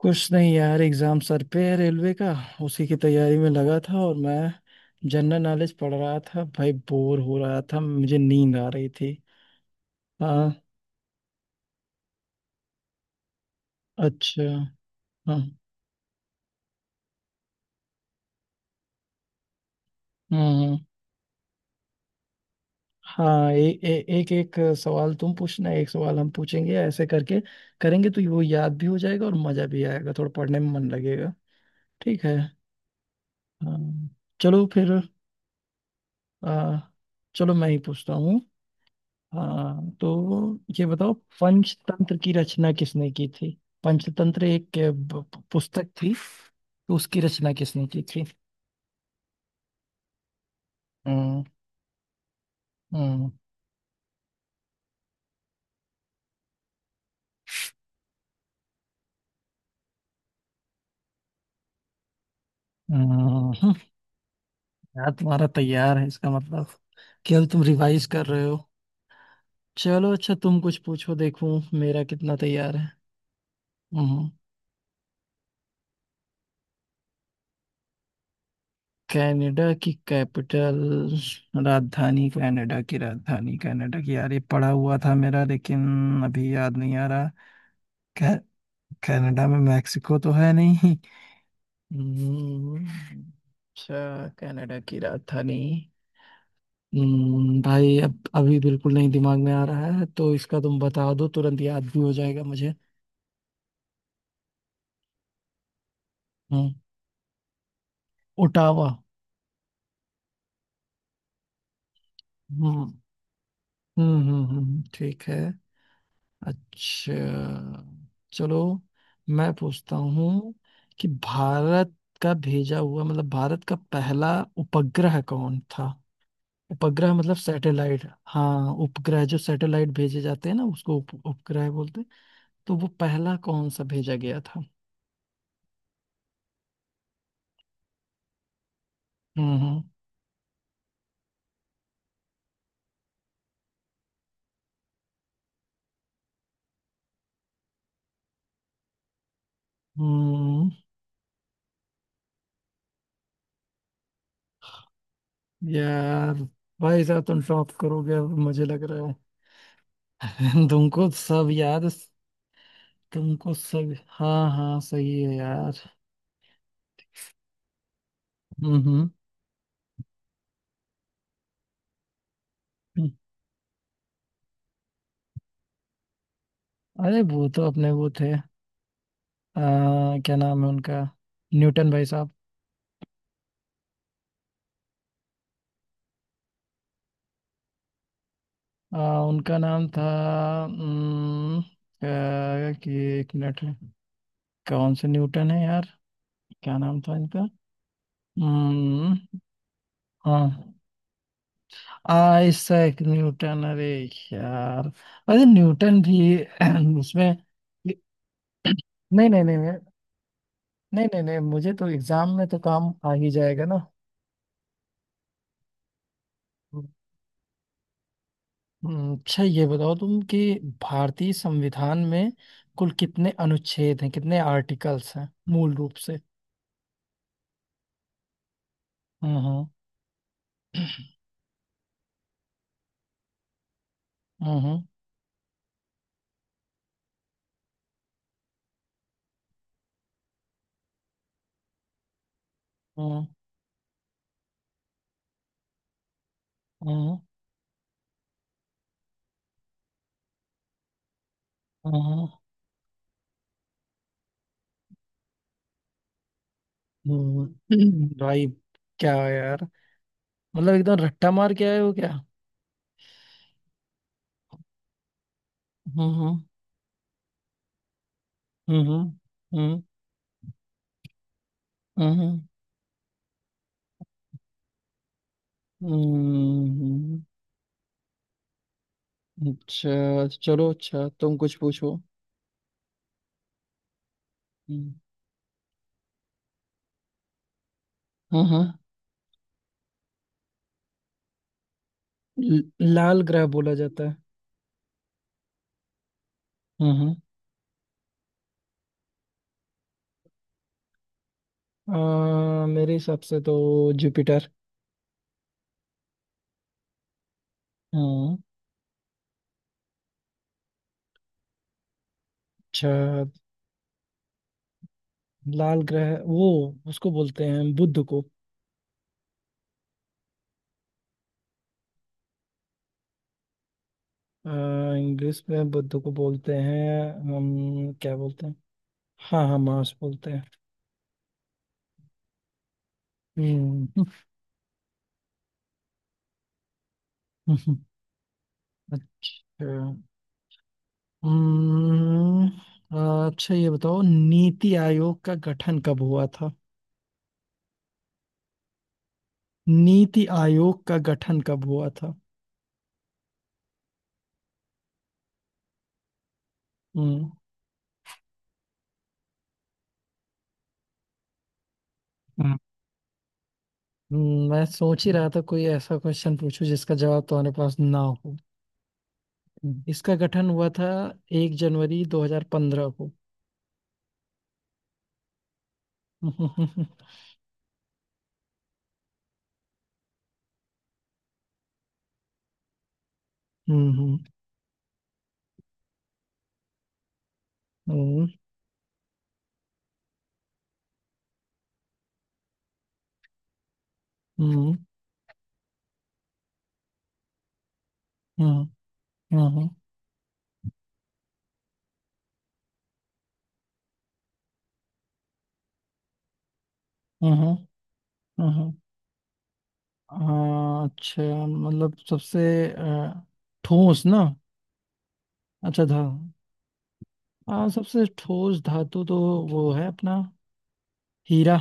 कुछ नहीं यार, एग्जाम सर पे है रेलवे का। उसी की तैयारी में लगा था, और मैं जनरल नॉलेज पढ़ रहा था भाई, बोर हो रहा था, मुझे नींद आ रही थी। हाँ। अच्छा। हाँ। हम्म। हाँ, ए, ए, एक एक सवाल तुम पूछना, एक सवाल हम पूछेंगे, ऐसे करके करेंगे तो वो याद भी हो जाएगा और मजा भी आएगा, थोड़ा पढ़ने में मन लगेगा। ठीक है। हाँ चलो फिर। आ, चलो मैं ही पूछता हूँ। हाँ तो ये बताओ, पंचतंत्र की रचना किसने की थी? पंचतंत्र एक पुस्तक थी, तो उसकी रचना किसने की थी? हम्म। हम्म। हम्म, यार तुम्हारा तैयार है इसका मतलब, केवल तुम रिवाइज कर रहे हो। चलो अच्छा, तुम कुछ पूछो, देखूं मेरा कितना तैयार है। हम्म। कनाडा की कैपिटल? राजधानी कनाडा की, राजधानी कनाडा की, यार ये पढ़ा हुआ था मेरा, लेकिन अभी याद नहीं आ रहा। कनाडा में मैक्सिको तो है नहीं। हम्म, अच्छा, कनाडा की राजधानी। भाई अब अभी बिल्कुल नहीं दिमाग में आ रहा है, तो इसका तुम बता दो, तुरंत याद भी हो जाएगा मुझे। हम्म। ओटावा। हम्म हम्म हम्म। ठीक है। अच्छा। चलो मैं पूछता हूँ कि भारत का भेजा हुआ, मतलब भारत का पहला उपग्रह कौन था? उपग्रह मतलब सैटेलाइट। हाँ उपग्रह, जो सैटेलाइट भेजे जाते हैं ना, उसको उपग्रह बोलते हैं। तो वो पहला कौन सा भेजा गया था? हम्म। हम्म। हम्म, यार भाई साहब, तुम टॉप करोगे अब मुझे लग रहा है। तुमको सब याद, तुमको सब, हाँ हाँ सही है यार। हम्म। हम्म। हम्म। अरे वो तो अपने वो थे, क्या नाम है उनका, न्यूटन भाई साहब। उनका नाम था, कि, एक मिनट, कौन से न्यूटन है यार? क्या नाम था इनका? हम्म। हाँ। Isaac Newton? अरे यार, अरे न्यूटन भी उसमें, नहीं नहीं नहीं नहीं, नहीं नहीं नहीं, मुझे तो एग्जाम में तो काम आ ही जाएगा ना। अच्छा ये बताओ तुम कि भारतीय संविधान में कुल कितने अनुच्छेद हैं, कितने आर्टिकल्स हैं मूल रूप से? हम्म। हम्म। हम्म। हम्म। हम्म, हम्म, हम्म, भाई क्या यार, मतलब एकदम रट्टा मार के आए हो क्या? हम्म। हम्म। हम्म। हम्म। हम्म। अच्छा चलो, अच्छा तुम कुछ पूछो। हम्म। हाँ। लाल ग्रह बोला जाता है। हम्म। मेरे हिसाब से तो जुपिटर। हम्म। अच्छा, लाल ग्रह वो, उसको बोलते हैं बुध को। आ, इंग्लिश में बुध को बोलते हैं, हम क्या बोलते हैं? हाँ हाँ मार्स बोलते हैं। हम्म। अच्छा। हम्म, अच्छा ये बताओ, नीति आयोग का गठन कब हुआ था? नीति आयोग का गठन कब हुआ था? हम्म। हम्म, मैं सोच ही रहा था, कोई ऐसा क्वेश्चन पूछूं जिसका जवाब तुम्हारे पास ना हो। हम्म। इसका गठन हुआ था एक जनवरी 2015 को। हम्म। हम्म। हम्म। हम्म। हम्म। हम्म। हम्म, हम्म, हाँ, अच्छा, मतलब सबसे अ, ठोस ना? अच्छा था। हाँ, सबसे ठोस धातु तो वो है अपना हीरा।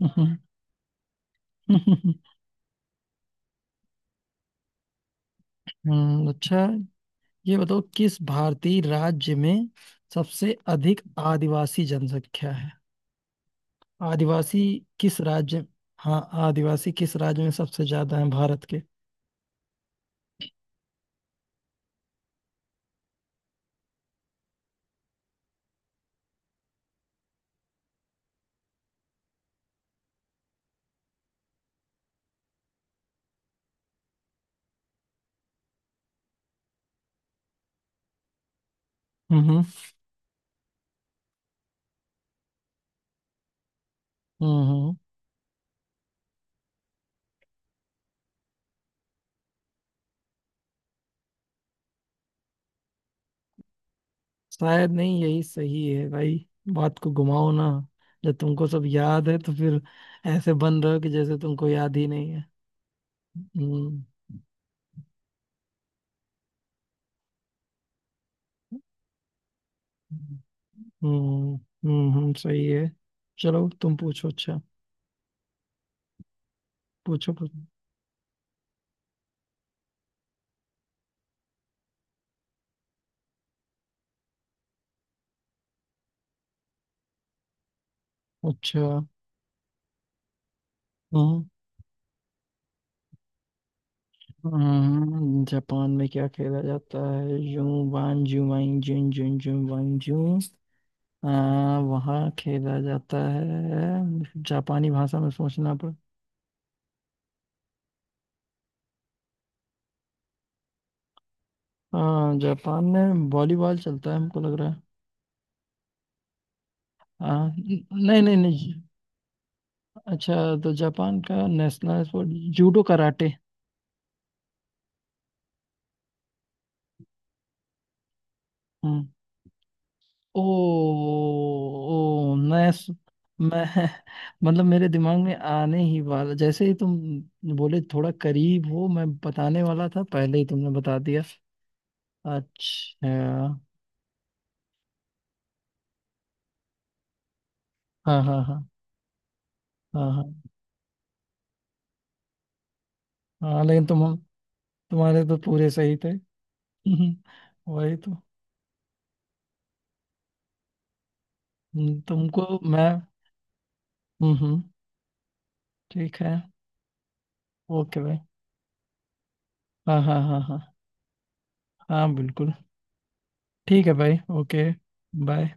हम्म। अच्छा ये बताओ, किस भारतीय राज्य में सबसे अधिक आदिवासी जनसंख्या है? आदिवासी, किस राज्य? हाँ, आदिवासी किस राज्य में सबसे ज्यादा है भारत के? हम्म। हम्म। शायद नहीं, यही सही है भाई। बात को घुमाओ ना, जब तुमको सब याद है तो फिर ऐसे बन रहे हो कि जैसे तुमको याद ही नहीं है। हम्म। हम्म। हम्म, सही है। चलो तुम पूछो, अच्छा। पूछो पूछो, अच्छा। हम्म जापान में क्या खेला जाता है? जू वान जू वाइन जून जून जू वाइन जू, आ, वहाँ खेला जाता है? जापानी भाषा में सोचना पड़। हाँ, जापान में वॉलीबॉल चलता है हमको लग रहा है। हाँ, नहीं नहीं नहीं। अच्छा, तो जापान का नेशनल स्पोर्ट जूडो, कराटे? हम्म। ओ। ओ मैं मैं मतलब मेरे दिमाग में आने ही वाला, जैसे ही तुम बोले थोड़ा करीब हो, मैं बताने वाला था, पहले ही तुमने बता दिया। अच्छा। हाँ हाँ हाँ। हाँ हाँ हाँ लेकिन तुम, तुम्हारे तो पूरे सही थे। हम्म, वही तो। तुमको मैं। हम्म। ठीक है। ओके भाई। हाँ हाँ हाँ हाँ। हाँ बिल्कुल। ठीक है भाई, ओके। बाय।